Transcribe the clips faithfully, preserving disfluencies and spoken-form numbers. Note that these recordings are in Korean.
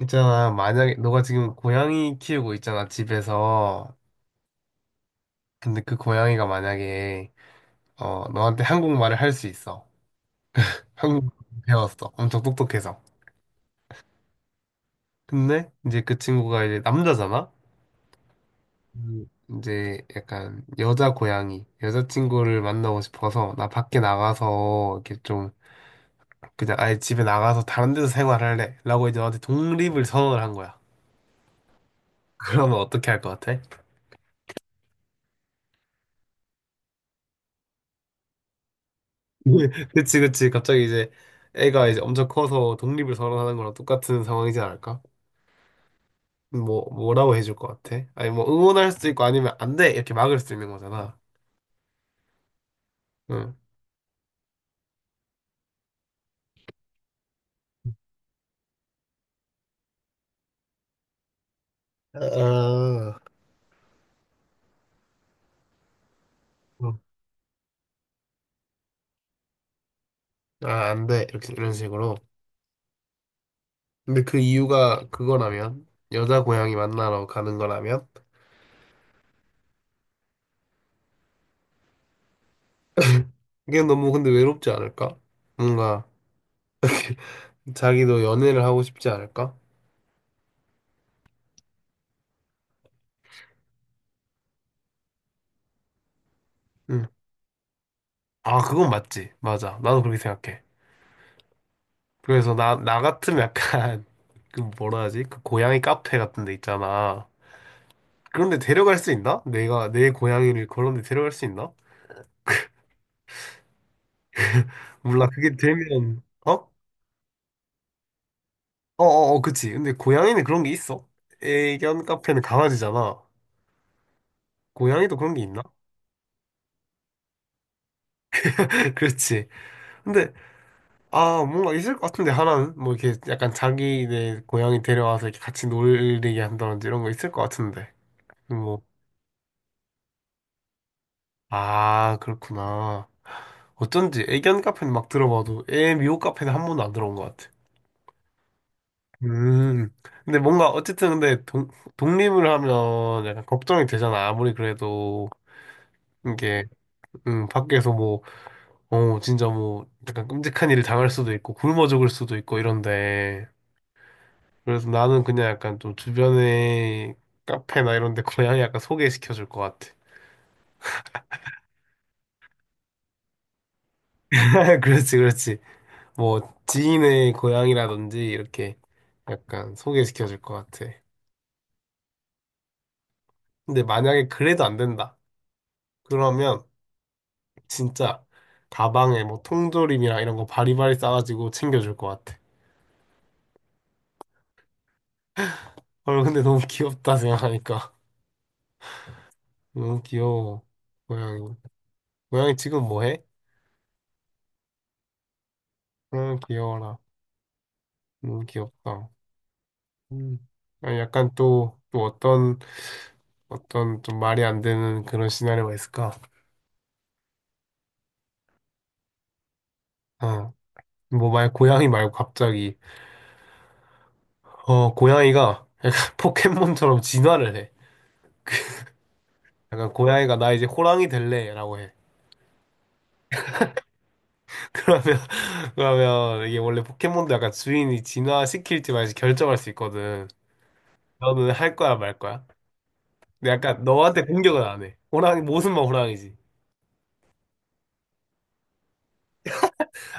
있잖아, 만약에, 너가 지금 고양이 키우고 있잖아, 집에서. 근데 그 고양이가 만약에, 어, 너한테 한국말을 할 수 있어. 한국말 배웠어. 엄청 똑똑해서. 근데 이제 그 친구가 이제 남자잖아? 음, 이제 약간 여자 고양이, 여자친구를 만나고 싶어서 나 밖에 나가서 이렇게 좀 그냥 아예 집에 나가서 다른 데서 생활할래. 라고 이제 너한테 독립을 선언을 한 거야. 그러면 어떻게 할 것 같아? 그치, 그치. 갑자기 이제 애가 이제 엄청 커서 독립을 선언하는 거랑 똑같은 상황이지 않을까? 뭐, 뭐라고 해줄 것 같아? 아니, 뭐, 응원할 수도 있고 아니면 안 돼! 이렇게 막을 수도 있는 거잖아. 응. 아, 응. 아, 안 돼. 이렇게, 이런 식으로. 근데 그 이유가 그거라면, 여자 고양이 만나러 가는 거라면, 그게 너무 근데 외롭지 않을까? 뭔가, 자기도 연애를 하고 싶지 않을까? 응. 아, 그건 맞지. 맞아. 나도 그렇게 생각해. 그래서 나, 나 같으면 약간, 그 뭐라 하지? 그 고양이 카페 같은 데 있잖아. 그런데 데려갈 수 있나? 내가 내 고양이를 그런 데 데려갈 수 있나? 몰라, 그게 되면, 어? 어어어, 그치. 근데 고양이는 그런 게 있어. 애견 카페는 강아지잖아. 고양이도 그런 게 있나? 그렇지. 근데, 아, 뭔가 있을 것 같은데, 하나는? 뭐 이렇게 약간 자기네 고양이 데려와서 이렇게 같이 놀게 한다든지 이런 거 있을 것 같은데. 뭐, 아, 그렇구나. 어쩐지 애견 카페는 막 들어봐도 애 미호 카페는 한 번도 안 들어온 것 같아. 음. 근데 뭔가 어쨌든 근데 독, 독립을 하면 약간 걱정이 되잖아. 아무리 그래도 이게 음, 밖에서 뭐, 어, 진짜 뭐 약간 끔찍한 일을 당할 수도 있고 굶어 죽을 수도 있고 이런데. 그래서 나는 그냥 약간 좀 주변에 카페나 이런 데 고양이 약간 소개시켜 줄 것 같아. 그렇지, 그렇지. 뭐 지인의 고향이라든지 이렇게 약간 소개시켜 줄 것 같아. 근데 만약에 그래도 안 된다. 그러면 진짜 가방에 뭐 통조림이랑 이런 거 바리바리 싸가지고 챙겨줄 것 같아. 헐, 근데 너무 귀엽다 생각하니까. 너무 귀여워. 고양이. 고양이 지금 뭐 해? 응, 귀여워라. 너무 귀엽다. 음. 아니, 약간 또, 또 어떤, 어떤 좀 말이 안 되는 그런 시나리오가 있을까? 어. 뭐 만약 고양이 말고 갑자기 어, 고양이가 약간 포켓몬처럼 진화를 해. 약간 고양이가 나 이제 호랑이 될래라고 해. 그러면 그러면 이게 원래 포켓몬도 약간 주인이 진화시킬지 말지 결정할 수 있거든. 너는 할 거야 말 거야? 근데 약간 너한테 공격은 안 해. 호랑이 모습만 호랑이지.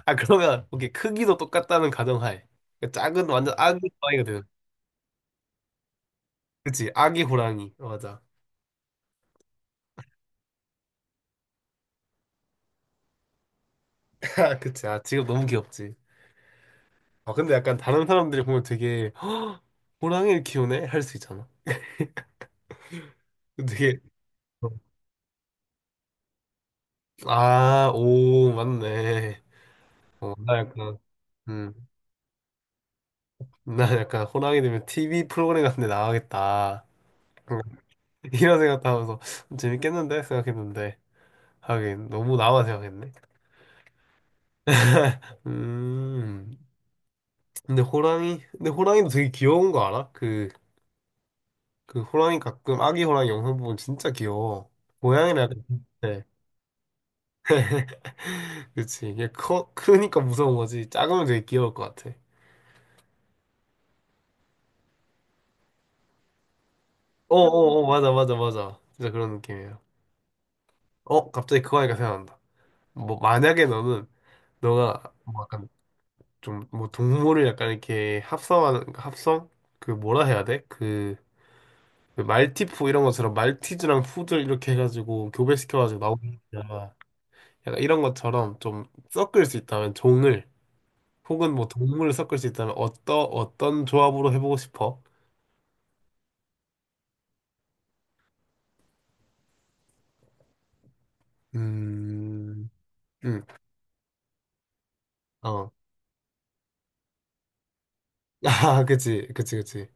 아 그러면 오케이 크기도 똑같다는 가정하에 그러니까 작은 완전 아기 호랑이가 되는. 그치 아기 호랑이 어, 맞아. 그치 아 지금 너무 귀엽지. 아 근데 약간 다른 사람들이 보면 되게 호랑이를 키우네 할 수 있잖아. 되게 어, 아, 오, 맞네. 어, 나 약간, 음, 나 약간 호랑이 되면 티비 프로그램 같은 데 나가겠다. 음, 이런 생각도 하면서 재밌겠는데? 생각했는데. 하긴, 너무 나만 생각했네. 음, 근데 호랑이, 근데 호랑이도 되게 귀여운 거 알아? 그, 그 호랑이 가끔 아기 호랑이 영상 보면 진짜 귀여워. 고양이는 약간, 네. 그치. 이게 커, 크니까 무서운 거지. 작으면 되게 귀여울 것 같아. 어어어, 맞아, 맞아, 맞아. 진짜 그런 느낌이야. 어, 갑자기 그거 하니까 생각난다. 뭐, 어, 만약에 너는, 너가, 어, 뭐 약간, 좀, 뭐, 동물을 약간 이렇게 합성하는, 합성? 그, 뭐라 해야 돼? 그, 그 말티푸 이런 것처럼, 말티즈랑 푸들 이렇게 해가지고, 교배시켜가지고 나오는 거잖아. 약간 이런 것처럼 좀 섞을 수 있다면, 종을, 혹은 뭐, 동물을 섞을 수 있다면, 어떠 어떤 조합으로 해보고 싶어? 음, 음, 어. 아, 그치, 그치, 그치.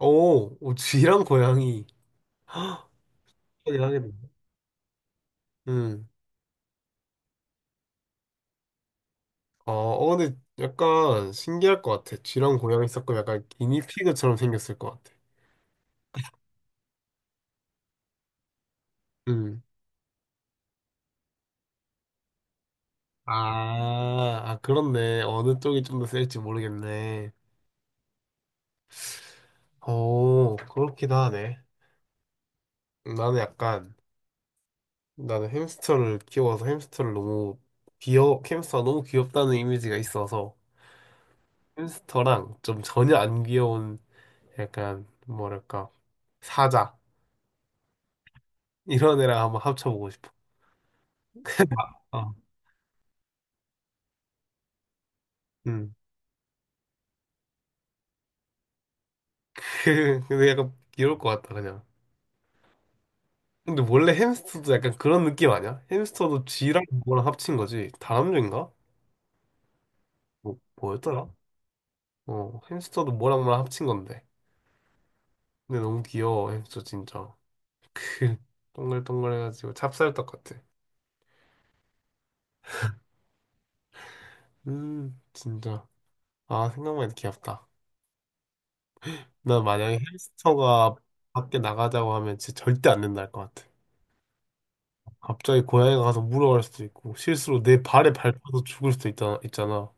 오, 오, 쥐랑 고양이. 헉, 이하겠네 음. 아, 어, 근데 약간 신기할 것 같아. 쥐랑 고양이 섞고 약간 기니피그처럼 생겼을 것 같아. 음. 아, 아, 그렇네. 어느 쪽이 좀 더 셀지 모르겠네. 오, 그렇기도 하네. 나는 약간, 나는 햄스터를 키워서 햄스터를 너무 귀여, 햄스터가 너무 귀엽다는 이미지가 있어서 햄스터랑 좀 전혀 안 귀여운 약간, 뭐랄까, 사자. 이런 애랑 한번 합쳐보고 싶어. 어. 음. 근데 약간 귀여울 것 같다 그냥. 근데 원래 햄스터도 약간 그런 느낌 아니야? 햄스터도 쥐랑 뭐랑 합친 거지. 다람쥐인가? 뭐 뭐였더라? 어 햄스터도 뭐랑 뭐랑 합친 건데. 근데 너무 귀여워 햄스터 진짜. 동글동글해가지고 찹쌀떡 같아. 음 진짜. 아 생각만 해도 귀엽다. 나 만약에 햄스터가 밖에 나가자고 하면 진짜 절대 안 된다 할 것 같아. 갑자기 고양이가 가서 물어갈 수도 있고 실수로 내 발에 밟혀서 죽을 수도 있다, 있잖아.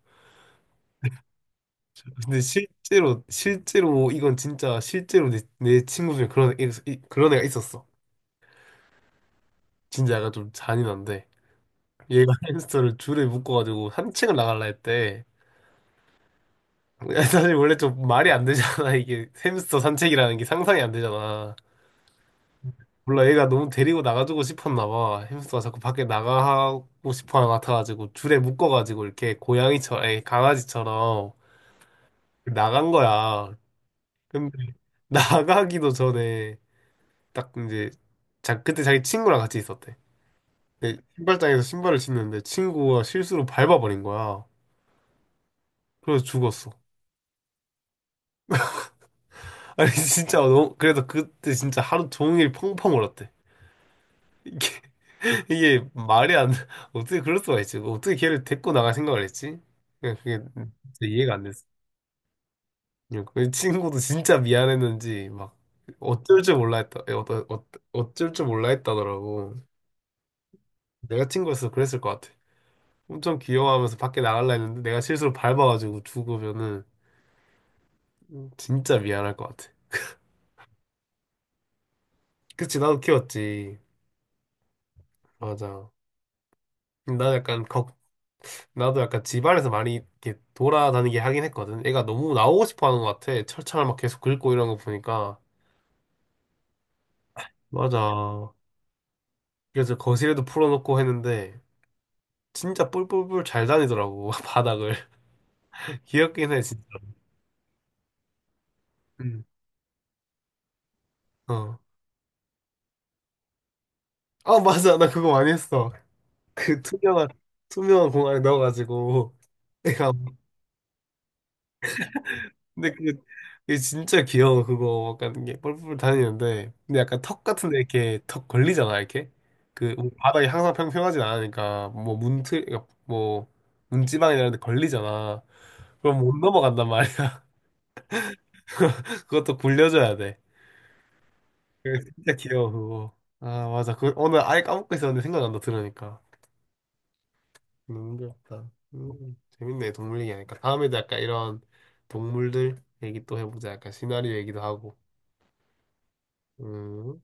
근데 실제로 실제로 이건 진짜 실제로 내, 내 친구 중에 그런 애, 이- 그런 애가 있었어. 진짜 약간 좀 잔인한데 얘가 햄스터를 줄에 묶어가지고 산책을 나갈라 했대. 사실 원래 좀 말이 안 되잖아 이게 햄스터 산책이라는 게 상상이 안 되잖아. 몰라 얘가 너무 데리고 나가주고 싶었나 봐. 햄스터가 자꾸 밖에 나가고 싶어 하는 것 같아가지고 줄에 묶어가지고 이렇게 고양이처럼 아니, 강아지처럼 나간 거야. 근데 나가기도 전에 딱 이제 자 그때 자기 친구랑 같이 있었대. 근데 신발장에서 신발을 신는데 친구가 실수로 밟아버린 거야. 그래서 죽었어. 아니 진짜 너무 그래서 그때 진짜 하루 종일 펑펑 울었대. 이게 이게 말이 안 돼. 어떻게 그럴 수가 있지? 어떻게 걔를 데리고 나갈 생각을 했지? 그냥 그게 진짜 이해가 안 됐어. 그 친구도 진짜 미안했는지 막 어쩔 줄 몰라 했다. 어, 어, 어, 어쩔 줄 몰라 했다더라고. 내가 친구였어 그랬을 것 같아. 엄청 귀여워하면서 밖에 나갈라 했는데 내가 실수로 밟아가지고 죽으면은 진짜 미안할 것 같아. 그치, 나도 키웠지. 맞아. 나도 약간 걱, 나도 약간 집안에서 많이 이렇게 돌아다니게 하긴 했거든. 애가 너무 나오고 싶어 하는 것 같아. 철창을 막 계속 긁고 이런 거 보니까. 맞아. 그래서 거실에도 풀어놓고 했는데 진짜 뿔뿔뿔 잘 다니더라고, 바닥을. 귀엽긴 해, 진짜. 음. 어. 아, 맞아. 나 그거 많이 했어. 그 투명한, 투명한 공간에 넣어가지고 애가 근데 그게, 그게 진짜 귀여워 그거 약간 이게 뿔뿔 다니는데 근데 약간 턱 같은데 이렇게 턱 걸리잖아 이렇게 그 뭐 바닥이 항상 평평하진 않으니까 뭐 문틀 그러니까 뭐 문지방이 이런 데 걸리잖아 그럼 못 넘어간단 말이야 그것도 굴려줘야 돼 그게 진짜 귀여워 그거 아 맞아 그 오늘 아예 까먹고 있었는데 생각난다 들으니까 너무 귀엽다 음, 재밌네 동물 얘기하니까 다음에도 약간 이런 동물들 얘기 또 해보자 약간 시나리오 얘기도 하고 음.